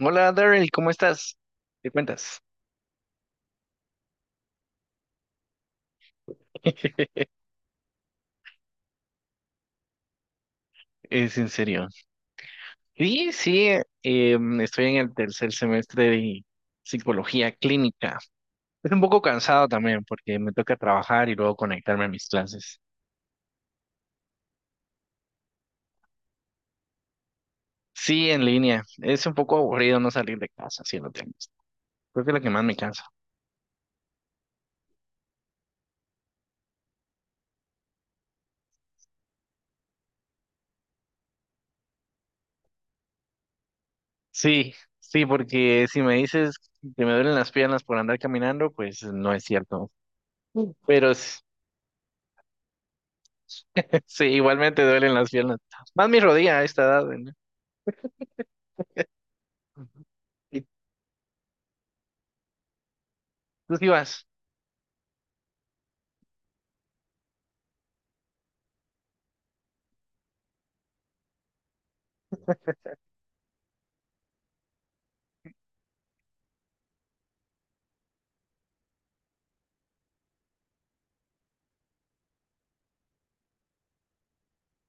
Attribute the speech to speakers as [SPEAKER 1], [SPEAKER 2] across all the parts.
[SPEAKER 1] Hola Daryl, ¿cómo estás? ¿Qué cuentas? Es en serio. Sí, sí, estoy en el tercer semestre de psicología clínica. Es un poco cansado también porque me toca trabajar y luego conectarme a mis clases. Sí, en línea. Es un poco aburrido no salir de casa, si lo tengo. Creo que es lo que más me cansa. Sí, sí, porque si me dices que me duelen las piernas por andar caminando, pues no es cierto. Pero s- sí, igualmente duelen las piernas. Más mi rodilla a esta edad, ¿no? Tú sí vas,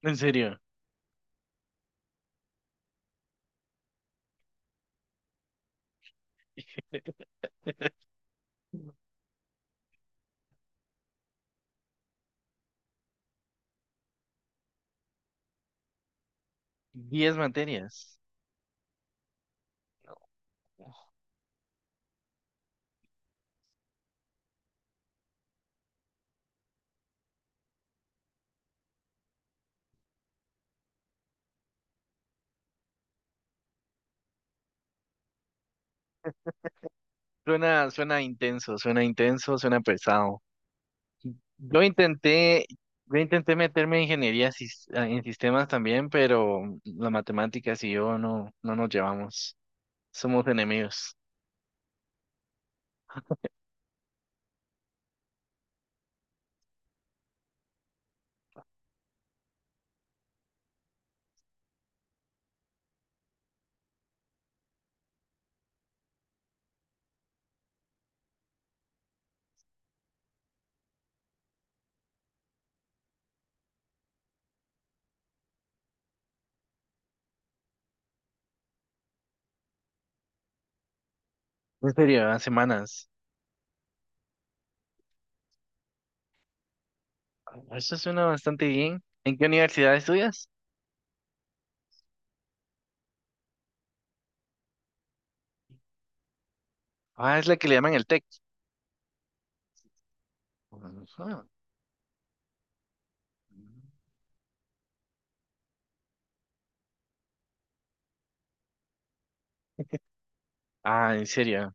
[SPEAKER 1] en serio. 10 materias. No. Suena intenso, suena intenso, suena pesado. Yo intenté, yo intenté meterme en ingeniería en sistemas también, pero las matemáticas y yo no, no nos llevamos. Somos enemigos. En serio, ah, semanas. Ah, eso suena bastante bien. ¿En qué universidad estudias? Ah, es la que le llaman el TEC. Ujú. Ah, en serio.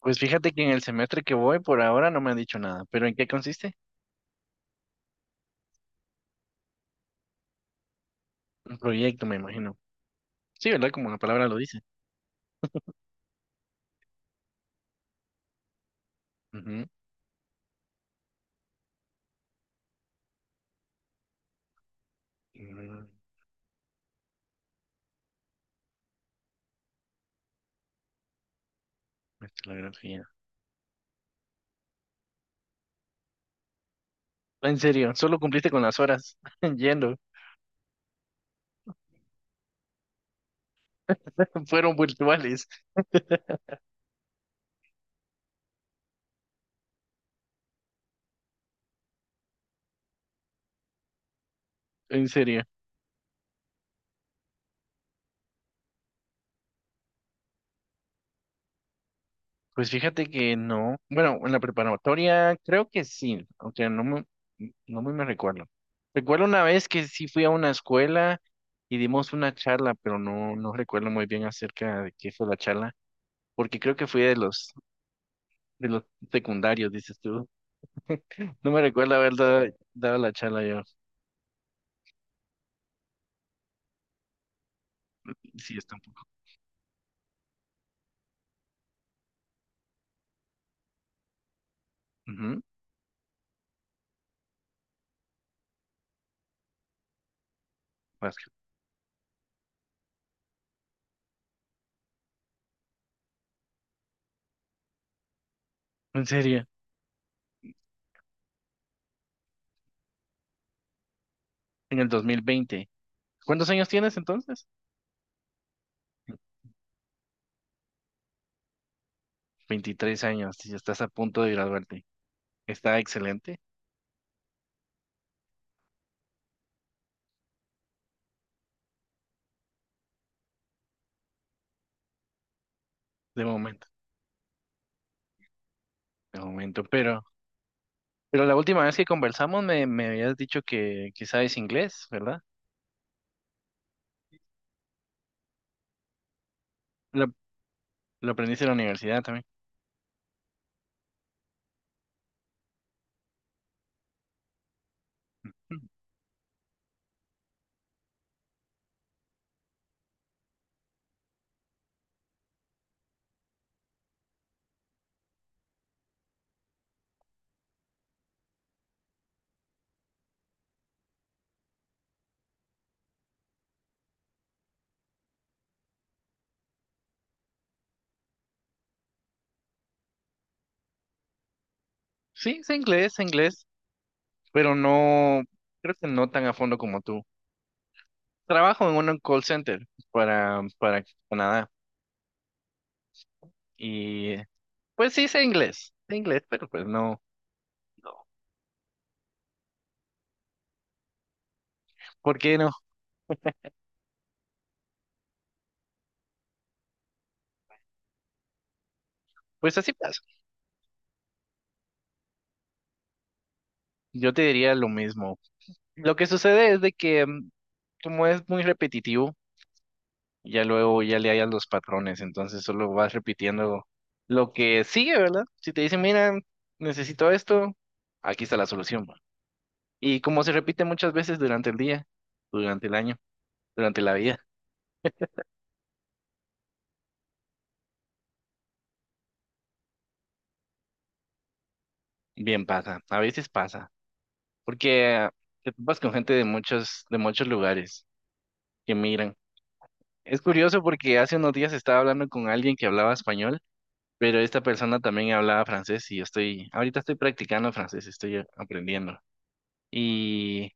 [SPEAKER 1] Pues fíjate que en el semestre que voy por ahora no me han dicho nada, pero ¿en qué consiste? Un proyecto, me imagino. Sí, ¿verdad? Como la palabra lo dice. Ujú. Mm, estilografía. En serio, solo cumpliste con las horas yendo. Fueron virtuales. En serio. Pues fíjate que no. Bueno, en la preparatoria creo que sí, aunque no muy me recuerdo. Recuerdo una vez que sí fui a una escuela y dimos una charla, pero no, no recuerdo muy bien acerca de qué fue la charla, porque creo que fui de los secundarios, dices tú. No me recuerdo haber dado la charla yo. Sí, es tampoco. Ujú, básquet. En serio, en el 2020. ¿Cuántos años tienes entonces? 23 años, y estás a punto de graduarte. Está excelente, de momento. De momento, pero la última vez que conversamos me habías dicho que sabes inglés, ¿verdad? Lo, lo aprendiste en la universidad también. Mm. Sí, sé inglés, pero no, creo que no tan a fondo como tú. Trabajo en un call center para Canadá y pues sí sé inglés, pero pues no, no. ¿Por qué no? Pues así pasa. Yo te diría lo mismo. Lo que sucede es de que como es muy repetitivo, ya luego ya le hallas los patrones, entonces solo vas repitiendo lo que sigue, ¿verdad? Si te dicen, mira, necesito esto, aquí está la solución. Va. Y como se repite muchas veces durante el día, durante el año, durante la vida, bien pasa, a veces pasa, porque te topas con gente de muchos lugares que migran. Es curioso porque hace unos días estaba hablando con alguien que hablaba español, pero esta persona también hablaba francés y yo estoy, ahorita estoy practicando francés, estoy aprendiendo. Y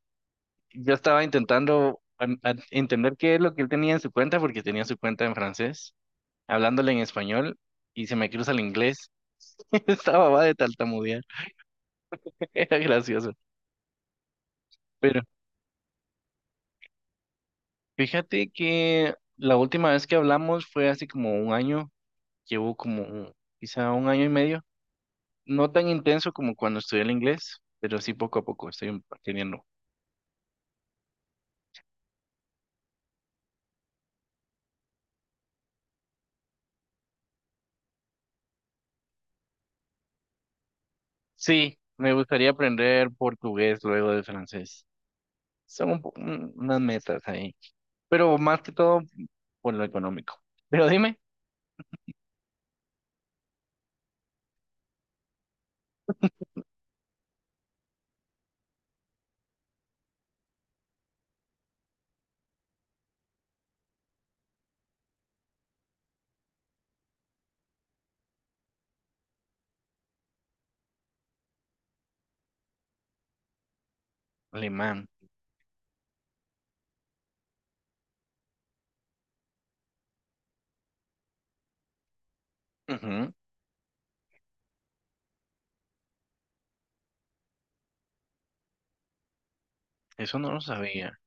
[SPEAKER 1] yo estaba intentando entender qué es lo que él tenía en su cuenta, porque tenía su cuenta en francés, hablándole en español, y se me cruza el inglés. Estaba va de tartamudear. Era gracioso. Pero fíjate que la última vez que hablamos fue hace como un año, llevo como quizá un año y medio. No tan intenso como cuando estudié el inglés, pero sí poco a poco estoy aprendiendo. Sí, me gustaría aprender portugués luego de francés. Son unas metas ahí, pero más que todo por lo económico. Pero dime, alemán. Ujú, eso no lo sabía.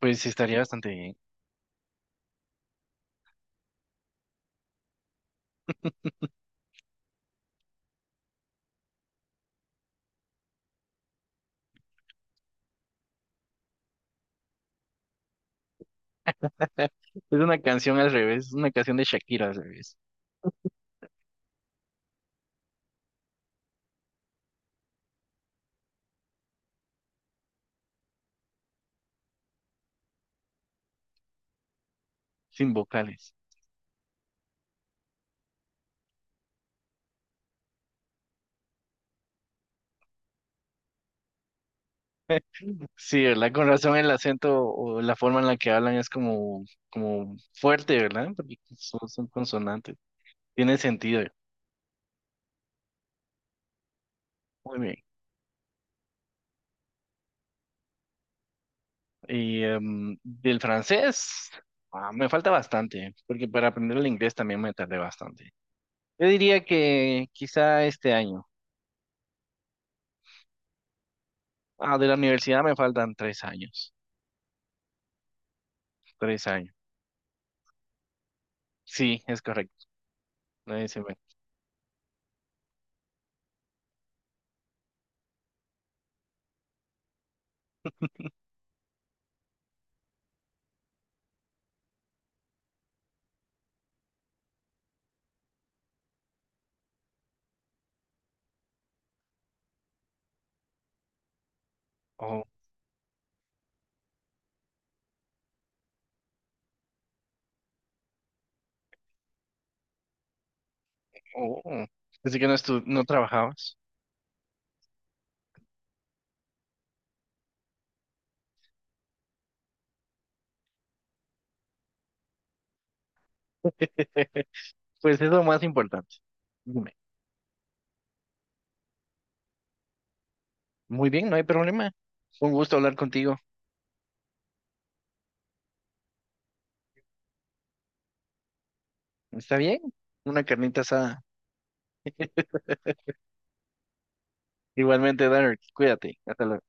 [SPEAKER 1] Pues estaría bastante bien. Es una canción al revés, es una canción de Shakira al revés, sin vocales. Sí, ¿verdad? Con razón el acento o la forma en la que hablan es como, como fuerte, ¿verdad? Porque son, son consonantes. Tiene sentido. Muy bien. Y del francés, me falta bastante, porque para aprender el inglés también me tardé bastante. Yo diría que quizá este año. Ah, de la universidad me faltan 3 años. 3 años. Sí, es correcto. Nadie se ve. Oh, oh. Oh. Así que no, estu no trabajabas. Pues es lo más importante. Dime. Muy bien, no hay problema. Un gusto hablar contigo. ¿Está bien? Una carnita asada. Igualmente, Dark, cuídate. Hasta luego.